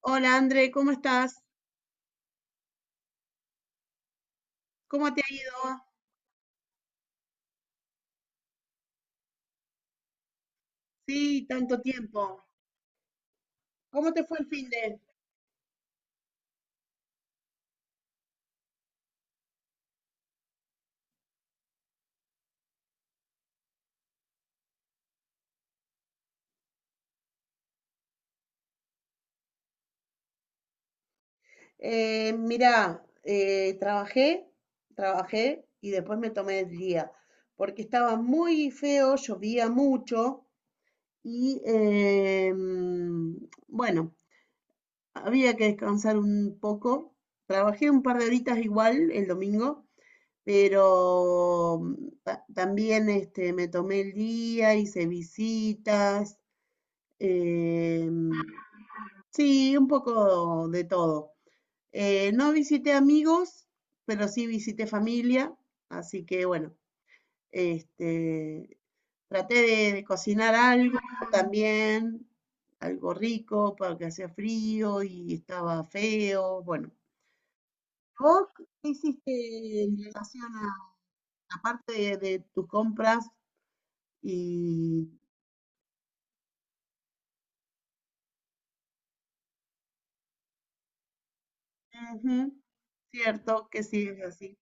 Hola André, ¿cómo estás? ¿Cómo te ha ido? Sí, tanto tiempo. ¿Cómo te fue el fin de? Eh, mirá, eh, trabajé, trabajé y después me tomé el día, porque estaba muy feo, llovía mucho y bueno, había que descansar un poco. Trabajé un par de horitas igual el domingo, pero también este, me tomé el día, hice visitas. Eh, sí, un poco de todo. No visité amigos, pero sí visité familia, así que bueno, este, traté de cocinar algo también, algo rico, porque hacía frío y estaba feo, bueno. ¿Vos qué hiciste en relación a la parte de tus compras y... Ujú, cierto que sí, es así.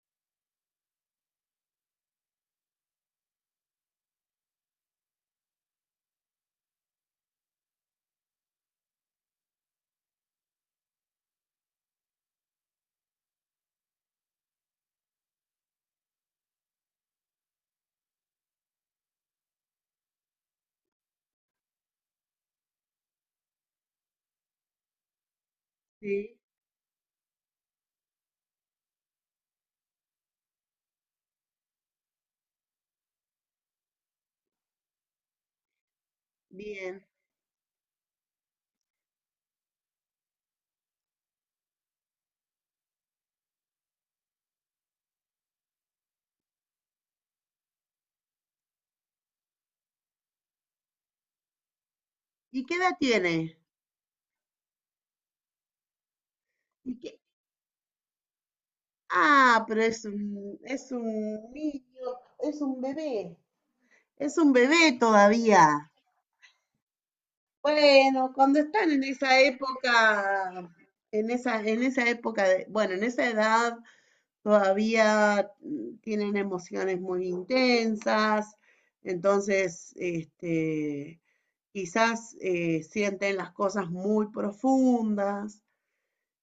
Sí, bien. ¿Y qué edad tiene? Y que, ah, pero es es un niño, es un bebé, es un bebé todavía. Bueno, cuando están en esa época, en esa época de, bueno, en esa edad todavía tienen emociones muy intensas, entonces, este, quizás sienten las cosas muy profundas.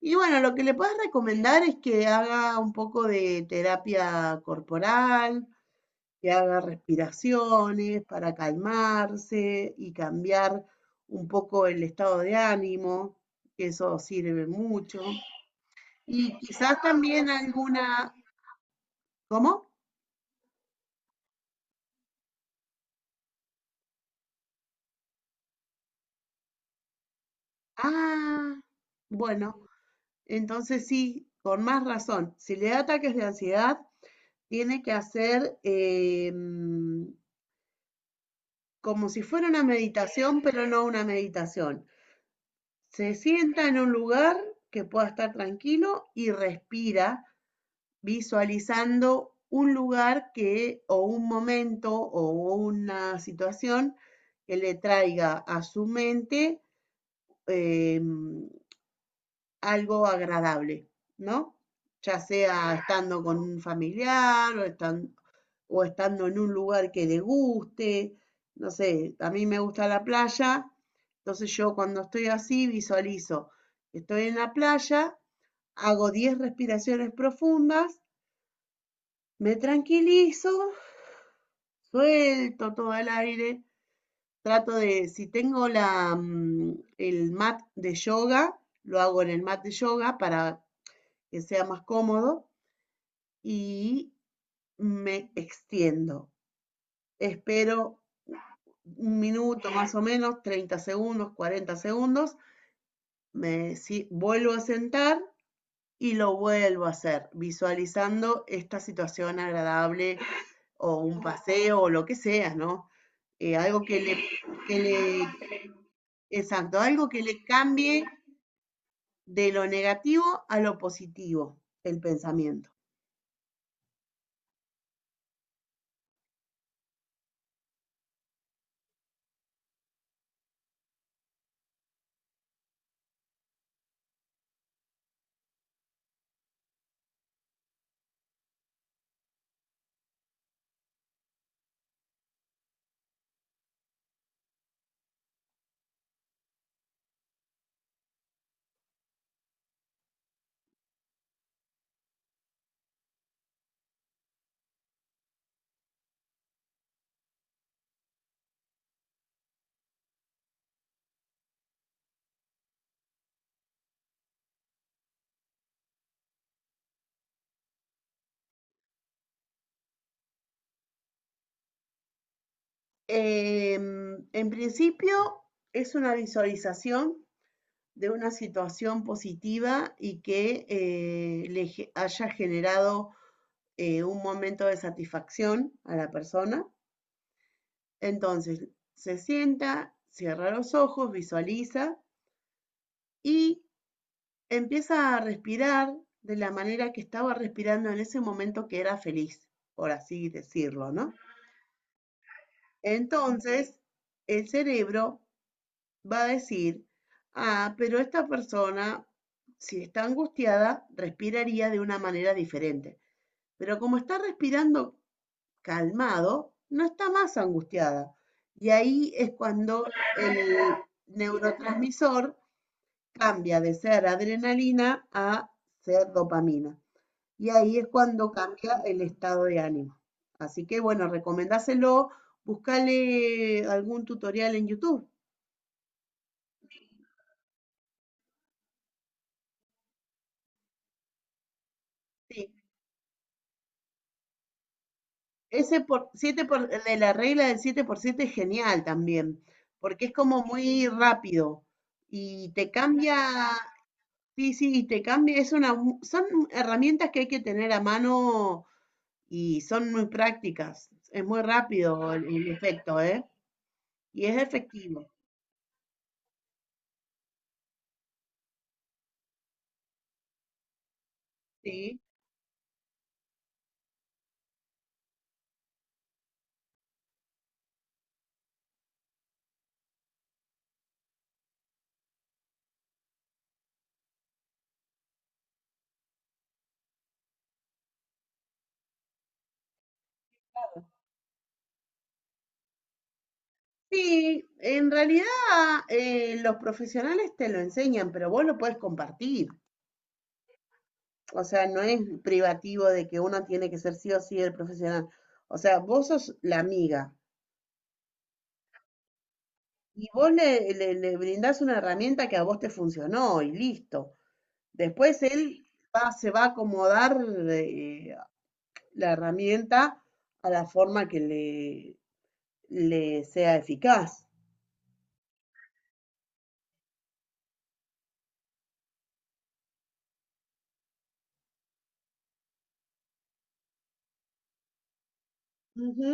Y bueno, lo que le puedes recomendar es que haga un poco de terapia corporal, que haga respiraciones para calmarse y cambiar un poco el estado de ánimo, que eso sirve mucho. Y quizás también alguna, ¿cómo? Ah, bueno, entonces sí, con más razón. Si le da ataques de ansiedad, tiene que hacer como si fuera una meditación, pero no una meditación. Se sienta en un lugar que pueda estar tranquilo y respira visualizando un lugar que o un momento o una situación que le traiga a su mente eh, algo agradable, ¿no? Ya sea estando con un familiar o estando en un lugar que le guste. No sé, a mí me gusta la playa, entonces yo cuando estoy así visualizo, estoy en la playa, hago 10 respiraciones profundas, me tranquilizo, suelto todo el aire, trato de, si tengo la, el mat de yoga, lo hago en el mat de yoga para que sea más cómodo y me extiendo. Espero un minuto más o menos, 30 segundos, 40 segundos, me si- vuelvo a sentar y lo vuelvo a hacer, visualizando esta situación agradable o un paseo o lo que sea, ¿no? Algo que le, Exacto, algo que le cambie de lo negativo a lo positivo, el pensamiento. En principio es una visualización de una situación positiva y que le haya generado un momento de satisfacción a la persona. Entonces se sienta, cierra los ojos, visualiza y empieza a respirar de la manera que estaba respirando en ese momento que era feliz, por así decirlo, ¿no? Entonces el cerebro va a decir, ah, pero esta persona, si está angustiada, respiraría de una manera diferente. Pero como está respirando calmado, no está más angustiada. Y ahí es cuando el neurotransmisor cambia de ser adrenalina a ser dopamina. Y ahí es cuando cambia el estado de ánimo. Así que bueno, recomendáselo, búscale algún tutorial en YouTube. Sí, ese por, 7 por, de la regla del 7 por 7 es genial también, porque es como muy rápido y te cambia. Sí, sí, y te cambia, es una, son herramientas que hay que tener a mano y son muy prácticas. Es muy rápido el efecto, ¿eh? Y es efectivo, ¿sí? Sí, en realidad los profesionales te lo enseñan, pero vos lo puedes compartir. O sea, no es privativo de que uno tiene que ser sí o sí el profesional. O sea, vos sos la amiga y vos le brindás una herramienta que a vos te funcionó y listo. Después él se va a acomodar eh, la herramienta a la forma que le sea eficaz. Ujú.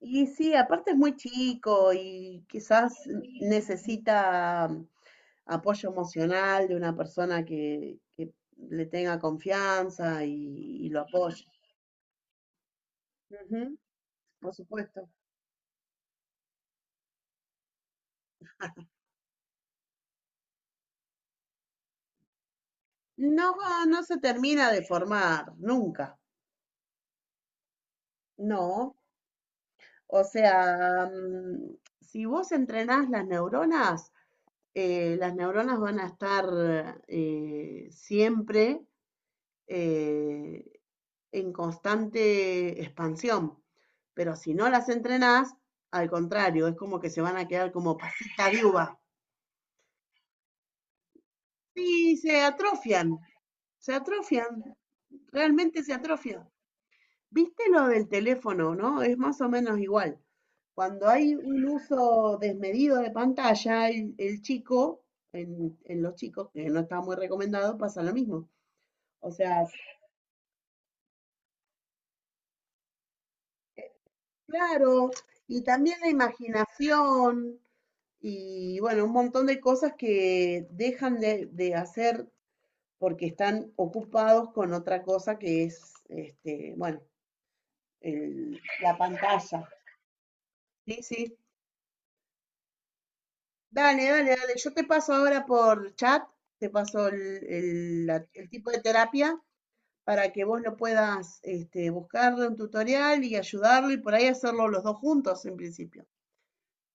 Y sí, aparte es muy chico y quizás necesita apoyo emocional de una persona que le tenga confianza y lo apoye. Ujú, por supuesto. No, no se termina de formar, nunca. No. O sea, si vos entrenás las neuronas van a estar siempre eh, en constante expansión. Pero si no las entrenás, al contrario, es como que se van a quedar como pasita de uva. Sí, se atrofian, se atrofian, realmente se atrofian. ¿Viste lo del teléfono, no? Es más o menos igual. Cuando hay un uso desmedido de pantalla, el chico, en los chicos, que no está muy recomendado, pasa lo mismo. O sea, claro, y también la imaginación y bueno, un montón de cosas que dejan de hacer porque están ocupados con otra cosa que es, este, bueno, la pantalla. Sí, sí. Dale, dale, dale. Yo te paso ahora por chat, te paso el tipo de terapia para que vos lo puedas este, buscarle un tutorial y ayudarlo y por ahí hacerlo los dos juntos en principio.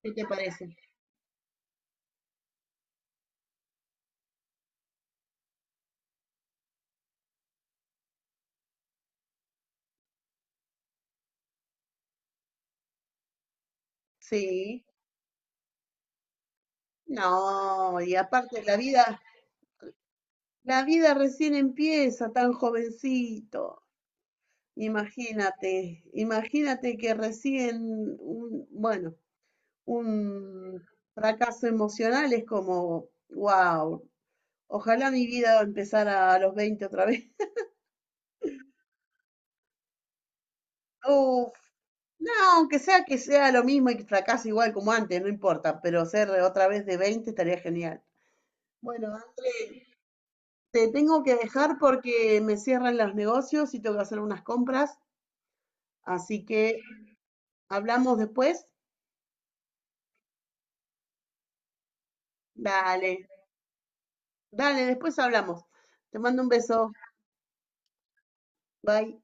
¿Qué te parece? Sí, no, y aparte la vida recién empieza tan jovencito. Imagínate, imagínate que recién un, bueno, un fracaso emocional es como, wow, ojalá mi vida empezara a los 20 otra vez. Oh, no, aunque sea que sea lo mismo y que fracase igual como antes, no importa, pero ser otra vez de 20 estaría genial. Bueno, André, te tengo que dejar porque me cierran los negocios y tengo que hacer unas compras, así que hablamos después. Dale, dale, después hablamos. Te mando un beso. Bye.